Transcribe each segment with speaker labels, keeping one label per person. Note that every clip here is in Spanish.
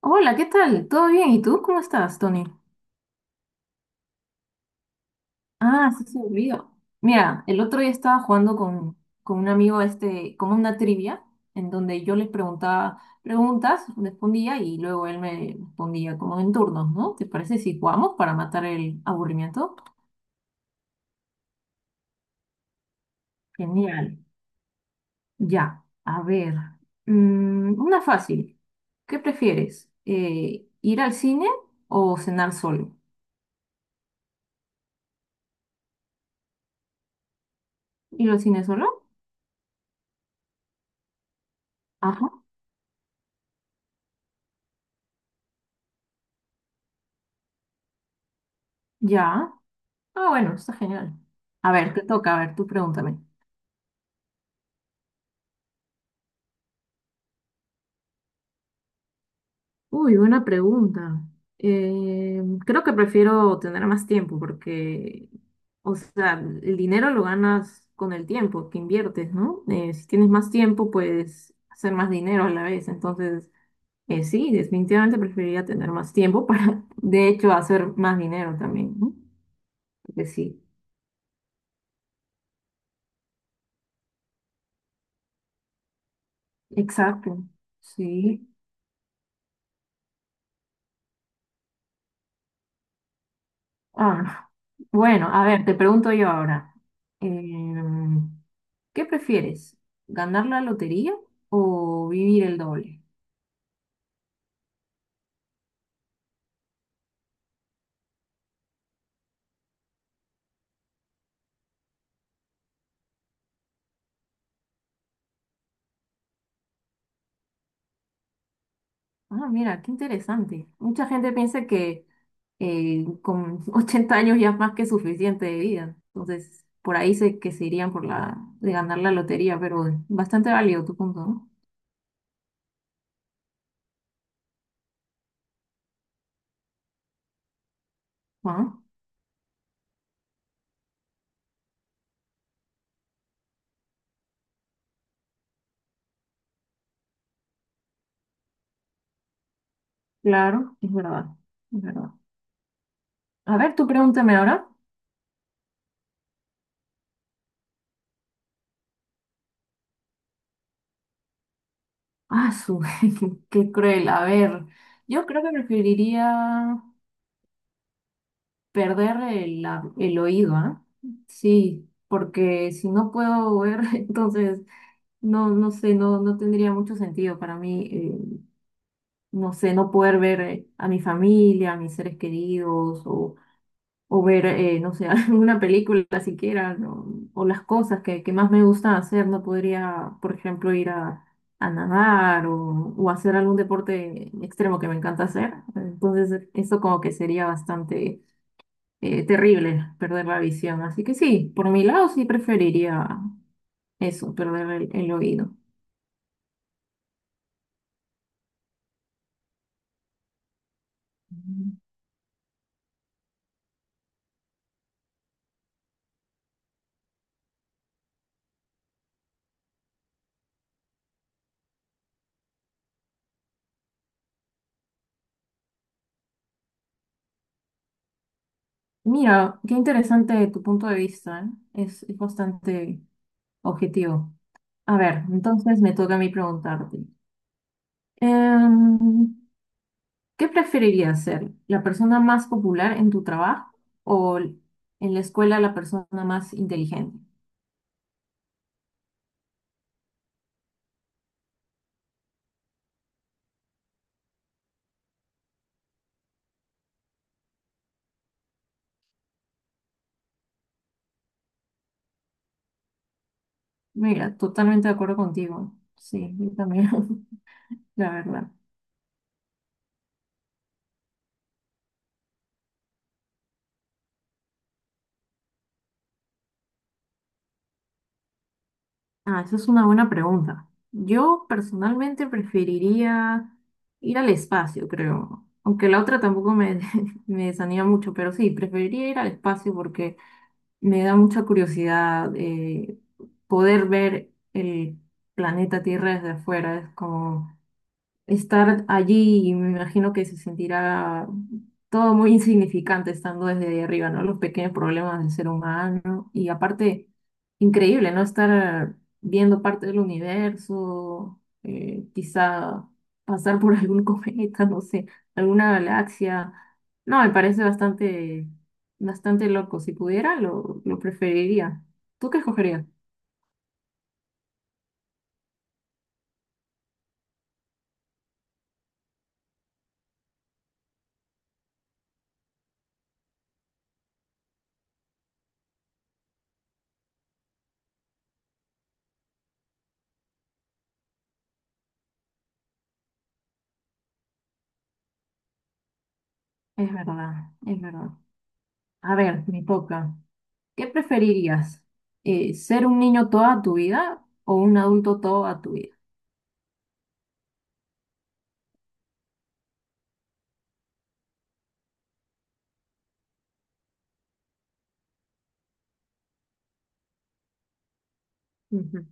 Speaker 1: Hola, ¿qué tal? ¿Todo bien? ¿Y tú cómo estás, Tony? Ah, sí, se me olvidó. Mira, el otro día estaba jugando con un amigo, este, como una trivia, en donde yo les preguntaba preguntas, respondía y luego él me respondía como en turnos, ¿no? ¿Te parece si jugamos para matar el aburrimiento? Genial. Ya, a ver. Una fácil. ¿Qué prefieres? ¿Ir al cine o cenar solo? ¿Ir al cine solo? Ajá. Ya. Ah, bueno, está genial. A ver, te toca, a ver, tú pregúntame. Uy, buena pregunta. Eh, Creo que prefiero tener más tiempo porque, o sea, el dinero lo ganas con el tiempo que inviertes, ¿no? Si tienes más tiempo, puedes hacer más dinero a la vez. Entonces, sí, definitivamente preferiría tener más tiempo para, de hecho, hacer más dinero también, ¿no? Porque sí. Exacto, sí. Ah, bueno, a ver, te pregunto yo ahora. Em, ¿Qué prefieres? ¿Ganar la lotería o vivir el doble? Ah, mira, qué interesante. Mucha gente piensa que con 80 años ya es más que suficiente de vida. Entonces, por ahí sé que se irían por la de ganar la lotería, pero bastante válido tu punto, ¿no? Bueno, claro, es verdad, es verdad. A ver, tú pregúntame ahora. Ah, su, qué, qué cruel. A ver, yo creo que preferiría. Perder el oído, ¿ah? Sí, porque si no puedo ver, entonces no, no sé, no, no tendría mucho sentido para mí, no sé, no poder ver a mi familia, a mis seres queridos, o ver, no sé, alguna película siquiera, ¿no? O las cosas que más me gustan hacer, no podría, por ejemplo, ir a nadar o hacer algún deporte extremo que me encanta hacer. Entonces, eso como que sería bastante terrible perder la visión. Así que sí, por mi lado sí preferiría eso, perder el oído. Ujú. Mira, qué interesante tu punto de vista, ¿eh? Es bastante objetivo. A ver, entonces me toca a mí preguntarte. Em, ¿Qué preferirías ser? ¿La persona más popular en tu trabajo o l- en la escuela la persona más inteligente? Mira, totalmente de acuerdo contigo. Sí, yo también, la verdad. Ah, esa es una buena pregunta. Yo personalmente preferiría ir al espacio, creo. Aunque la otra tampoco me, me desanima mucho, pero sí, preferiría ir al espacio porque me da mucha curiosidad poder ver el planeta Tierra desde afuera. Es como estar allí, y me imagino que se sentirá todo muy insignificante estando desde ahí arriba, ¿no? Los pequeños problemas del ser humano y aparte, increíble, ¿no? Estar viendo parte del universo, quizá pasar por algún cometa, no sé, alguna galaxia. No, me parece bastante, bastante loco. Si pudiera, lo preferiría. ¿Tú qué escogerías? Es verdad, es verdad. A ver, me toca. ¿Qué preferirías? ¿Ser un niño toda tu vida o un adulto toda tu vida? Ujú,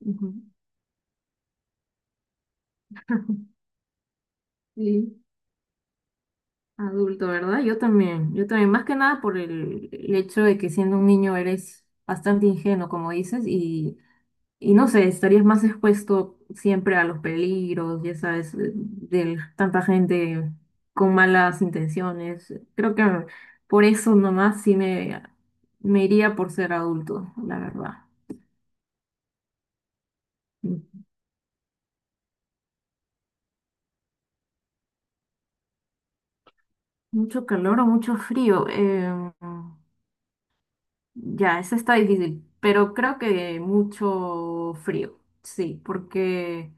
Speaker 1: ujú. Sí, adulto, ¿verdad? Yo también, más que nada por el hecho de que siendo un niño eres bastante ingenuo, como dices, y no sé, estarías más expuesto siempre a los peligros, ya sabes, de tanta gente con malas intenciones. Creo que por eso nomás sí me iría por ser adulto, la verdad. Mucho calor o mucho frío. Ya, eso está difícil, pero creo que mucho frío, sí, porque,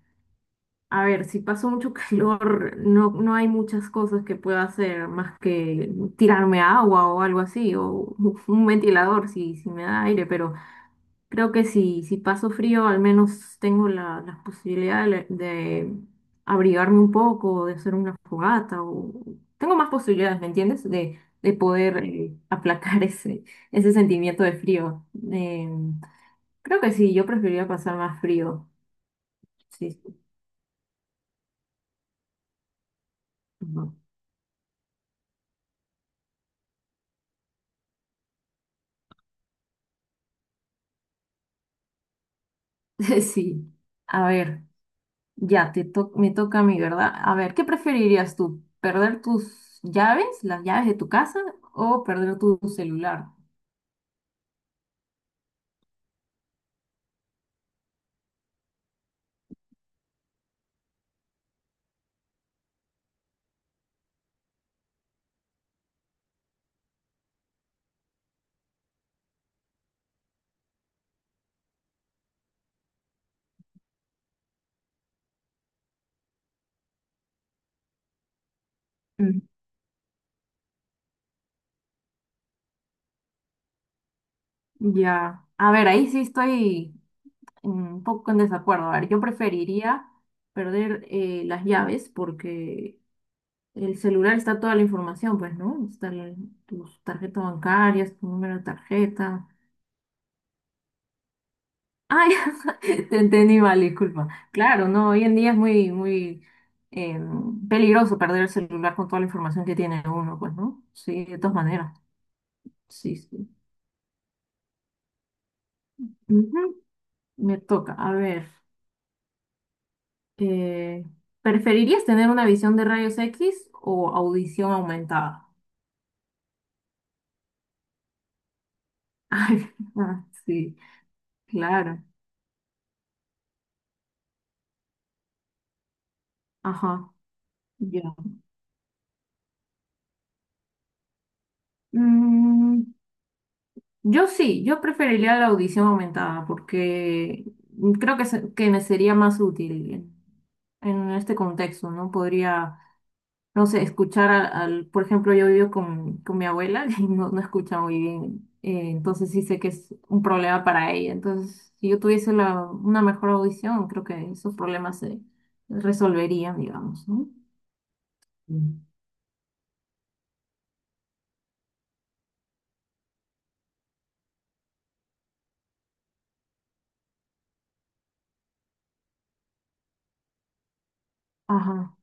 Speaker 1: a ver, si paso mucho calor, no, no hay muchas cosas que pueda hacer más que tirarme agua o algo así, o un ventilador si, si me da aire, pero... Creo que si, si paso frío, al menos tengo la, las posibilidades de, le- de abrigarme un poco, de hacer una fogata, o tengo más posibilidades, ¿me entiendes? De poder aplacar ese, ese sentimiento de frío. Eh, Creo que sí, yo preferiría pasar más frío. Sí, sí. Ujú. Sí. A ver, me toca a mí, ¿verdad? A ver, ¿qué preferirías tú? ¿Perder tus llaves, las llaves de tu casa, o perder tu celular? Ya, a ver, ahí sí estoy un poco en desacuerdo. A ver, yo preferiría perder las llaves porque el celular está toda la información, pues, ¿no? Está tus tarjetas bancarias, tu número de tarjeta. Ay, te entendí mal, disculpa. Claro, no, hoy en día es muy, muy eh, peligroso perder el celular con toda la información que tiene uno, pues, ¿no? Sí, de todas maneras. Sí, sí. Ujú. Me toca, a ver. Eh, ¿Preferirías tener una visión de rayos X o audición aumentada? Ay, ah, sí, claro. Ajá, ya. Mm, yo sí, yo preferiría la audición aumentada porque creo que, que me sería más útil en este contexto, ¿no? Podría no sé, escuchar por ejemplo, yo vivo con mi abuela y no, no escucha muy bien, entonces sí sé que es un problema para ella. Entonces, si yo tuviese la, una mejor audición, creo que esos problemas se resolverían, digamos, ¿no? Mm. Ajá,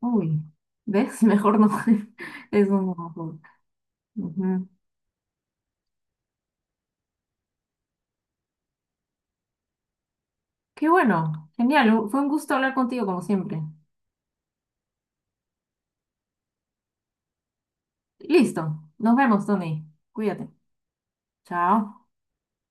Speaker 1: uy, ¿ves? Mejor no. Es un mejor. Ujú. Qué bueno, genial, fue un gusto hablar contigo como siempre. Listo, nos vemos, Tony. Cuídate. Chao.